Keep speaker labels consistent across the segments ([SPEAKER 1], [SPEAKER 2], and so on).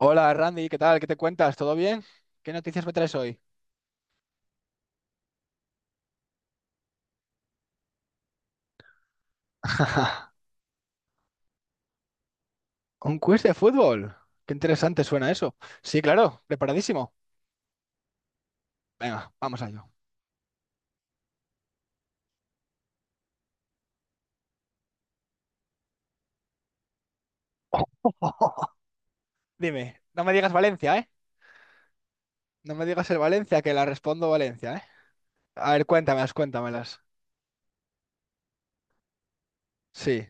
[SPEAKER 1] Hola Randy, ¿qué tal? ¿Qué te cuentas? ¿Todo bien? ¿Qué noticias me traes hoy? ¿Un quiz de fútbol? Qué interesante suena eso. Sí, claro, preparadísimo. Venga, vamos allá. Dime, no me digas Valencia, ¿eh? No me digas el Valencia, que la respondo Valencia, ¿eh? A ver, cuéntamelas, cuéntamelas. Sí,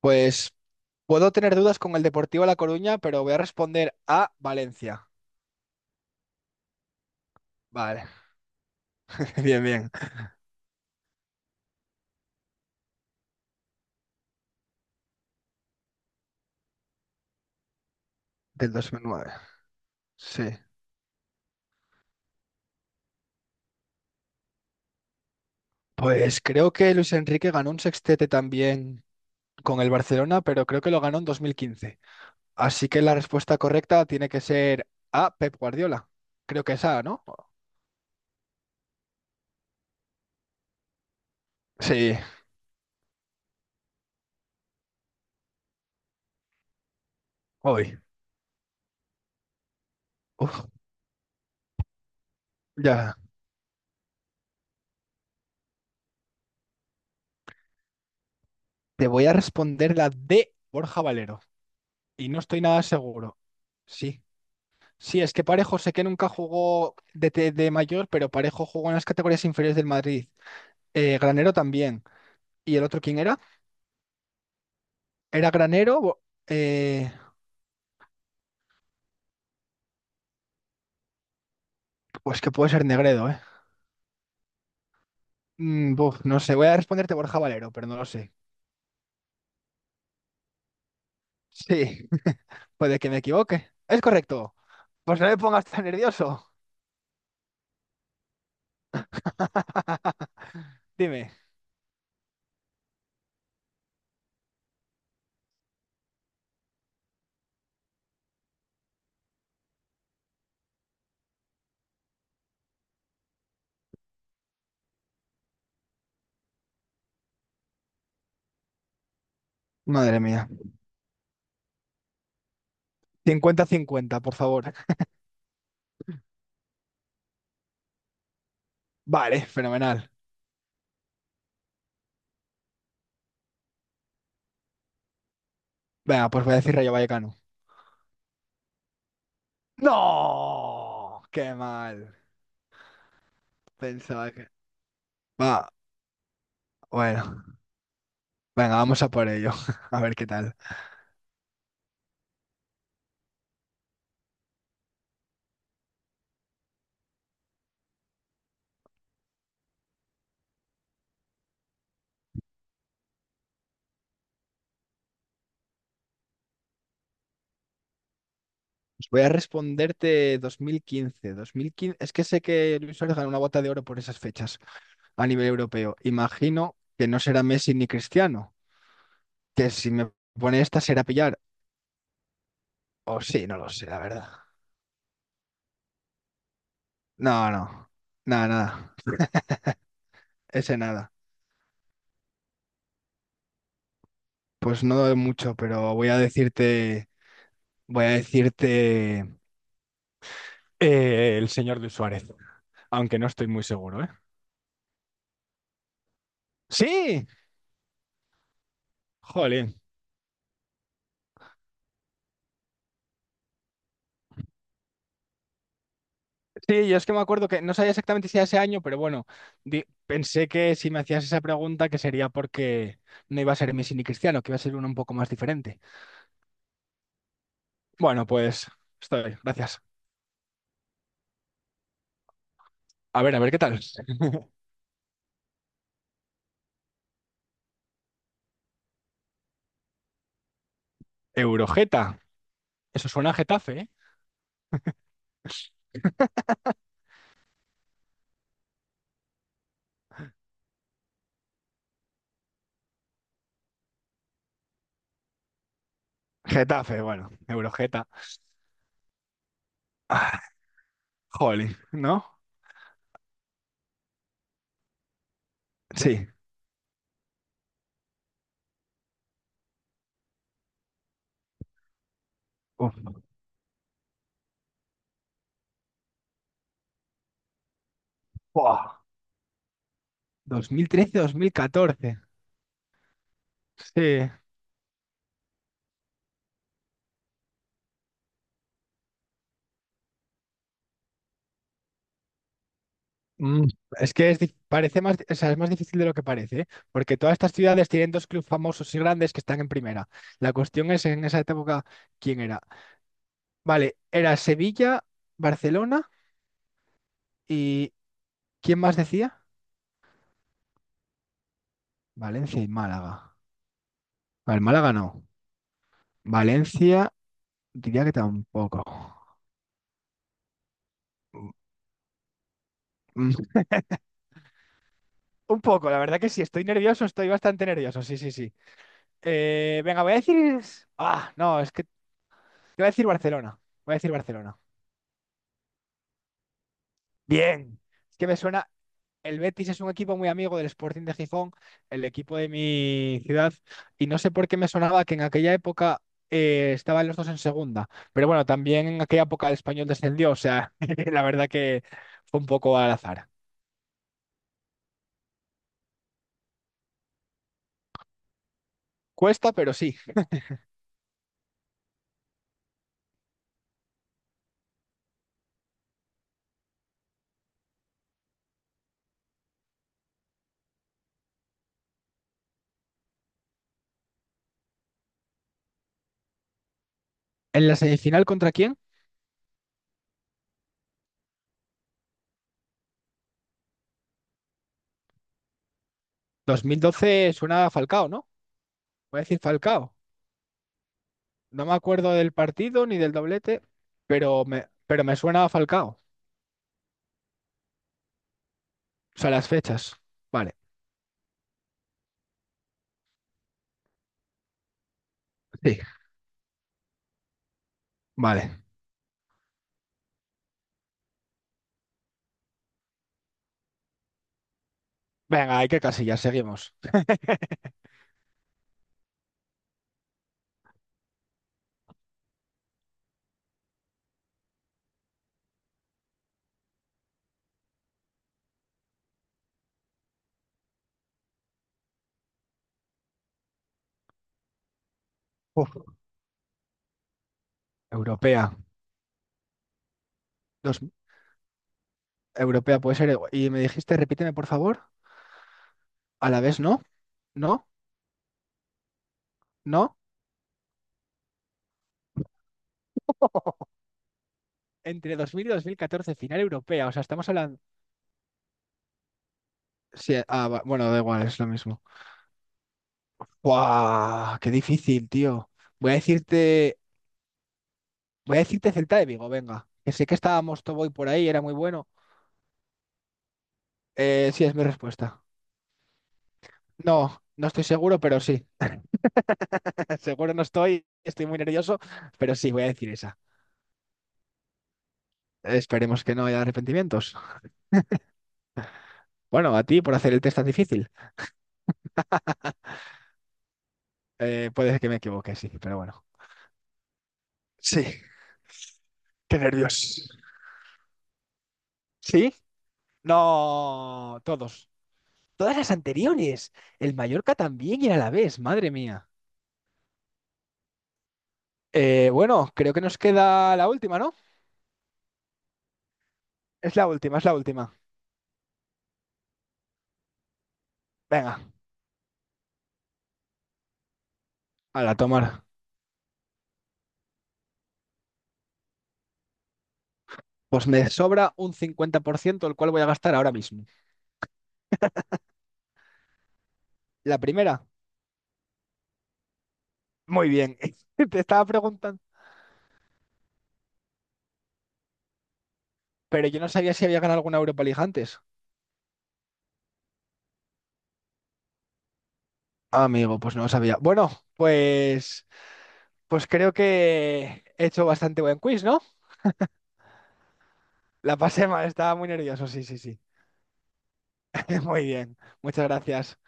[SPEAKER 1] pues puedo tener dudas con el Deportivo La Coruña, pero voy a responder a Valencia. Vale, bien, bien. Del 2009. Sí. Pues creo que Luis Enrique ganó un sextete también con el Barcelona, pero creo que lo ganó en 2015. Así que la respuesta correcta tiene que ser A, Pep Guardiola. Creo que es A, ¿no? Sí, hoy. Uf, ya. Te voy a responder la D, Borja Valero. Y no estoy nada seguro. Sí. Sí, es que Parejo sé que nunca jugó de mayor, pero Parejo jugó en las categorías inferiores del Madrid. Granero también. ¿Y el otro quién era? ¿Era Granero? Eh, pues que puede ser Negredo, ¿eh? Buf, no sé, voy a responderte Borja Valero, pero no lo sé. Sí, puede que me equivoque. Es correcto. Pues no me pongas tan nervioso. Dime. Madre mía. Cincuenta-cincuenta, por favor. Vale, fenomenal. Venga, pues voy a decir Rayo Vallecano. ¡No! ¡Qué mal! Pensaba que... Va, bueno. Venga, vamos a por ello. A ver qué tal. Pues voy a responderte dos mil quince. Es que sé que Luis Suárez ganó una bota de oro por esas fechas a nivel europeo. Imagino que no será Messi ni Cristiano. Que si me pone esta será pillar. O sí, no lo sé, la verdad. No, no. Nada, nada. Ese nada. Pues no doy mucho, pero voy a decirte. Voy a decirte el señor de Suárez. Aunque no estoy muy seguro, ¿eh? ¡Sí! Jolín. Sí, yo es que me acuerdo que no sabía exactamente si era ese año, pero bueno, pensé que si me hacías esa pregunta que sería porque no iba a ser Messi ni Cristiano, que iba a ser uno un poco más diferente. Bueno, pues estoy, gracias. A ver qué tal. Eurojeta. Eso suena a Getafe, ¿eh? Getafe, bueno, Eurogeta. Ah, jolín, ¿no? Sí. Uf, buah, dos mil 2014. Sí. Mm, es que es parece más, o sea, es más difícil de lo que parece, ¿eh? Porque todas estas ciudades tienen dos clubes famosos y grandes que están en primera. La cuestión es en esa época, ¿quién era? Vale, era Sevilla, Barcelona y ¿quién más decía? Valencia y Málaga. Vale, Málaga no. Valencia, diría que tampoco. Mm, Un poco, la verdad que sí, estoy nervioso, estoy bastante nervioso, sí, sí, sí. Venga, voy a decir... Ah, no, es que te voy a decir Barcelona, voy a decir Barcelona. Bien, es que me suena, el Betis es un equipo muy amigo del Sporting de Gijón, el equipo de mi ciudad, y no sé por qué me sonaba que en aquella época estaban los dos en segunda, pero bueno, también en aquella época el Español descendió, o sea, la verdad que fue un poco al azar. Cuesta, pero sí. ¿En la semifinal contra quién? 2012 suena a Falcao, ¿no? Voy a decir Falcao. No me acuerdo del partido ni del doblete, pero me suena a Falcao. O sea, las fechas. Vale, sí, vale. Venga, hay que casillas, seguimos. Uf, europea. Dos, europea puede ser. Y me dijiste, repíteme por favor. A la vez, no, no, no. Entre 2000 y 2014 final europea. O sea, estamos hablando. Sí, ah, bueno, da igual, es lo mismo. ¡Guau! ¡Qué difícil, tío! Voy a decirte. Voy a decirte Celta de Vigo, venga. Que sé que estábamos Toboy por ahí, era muy bueno. Sí, es mi respuesta. No, no estoy seguro, pero sí. Seguro no estoy, estoy muy nervioso, pero sí, voy a decir esa. Esperemos que no haya arrepentimientos. Bueno, a ti por hacer el test tan difícil. Puede que me equivoque, sí, pero bueno. Sí, qué nervios. ¿Sí? No, todos. Todas las anteriores. El Mallorca también y el Alavés, madre mía. Bueno, creo que nos queda la última, ¿no? Es la última, es la última. Venga, a la tomar. Pues me sobra un 50%, el cual voy a gastar ahora mismo. La primera. Muy bien. Te estaba preguntando, pero yo no sabía si había ganado alguna Europa League antes. Amigo, pues no lo sabía. Bueno, pues, pues creo que he hecho bastante buen quiz, ¿no? La pasé mal, estaba muy nervioso, sí, sí, sí. Muy bien, muchas gracias.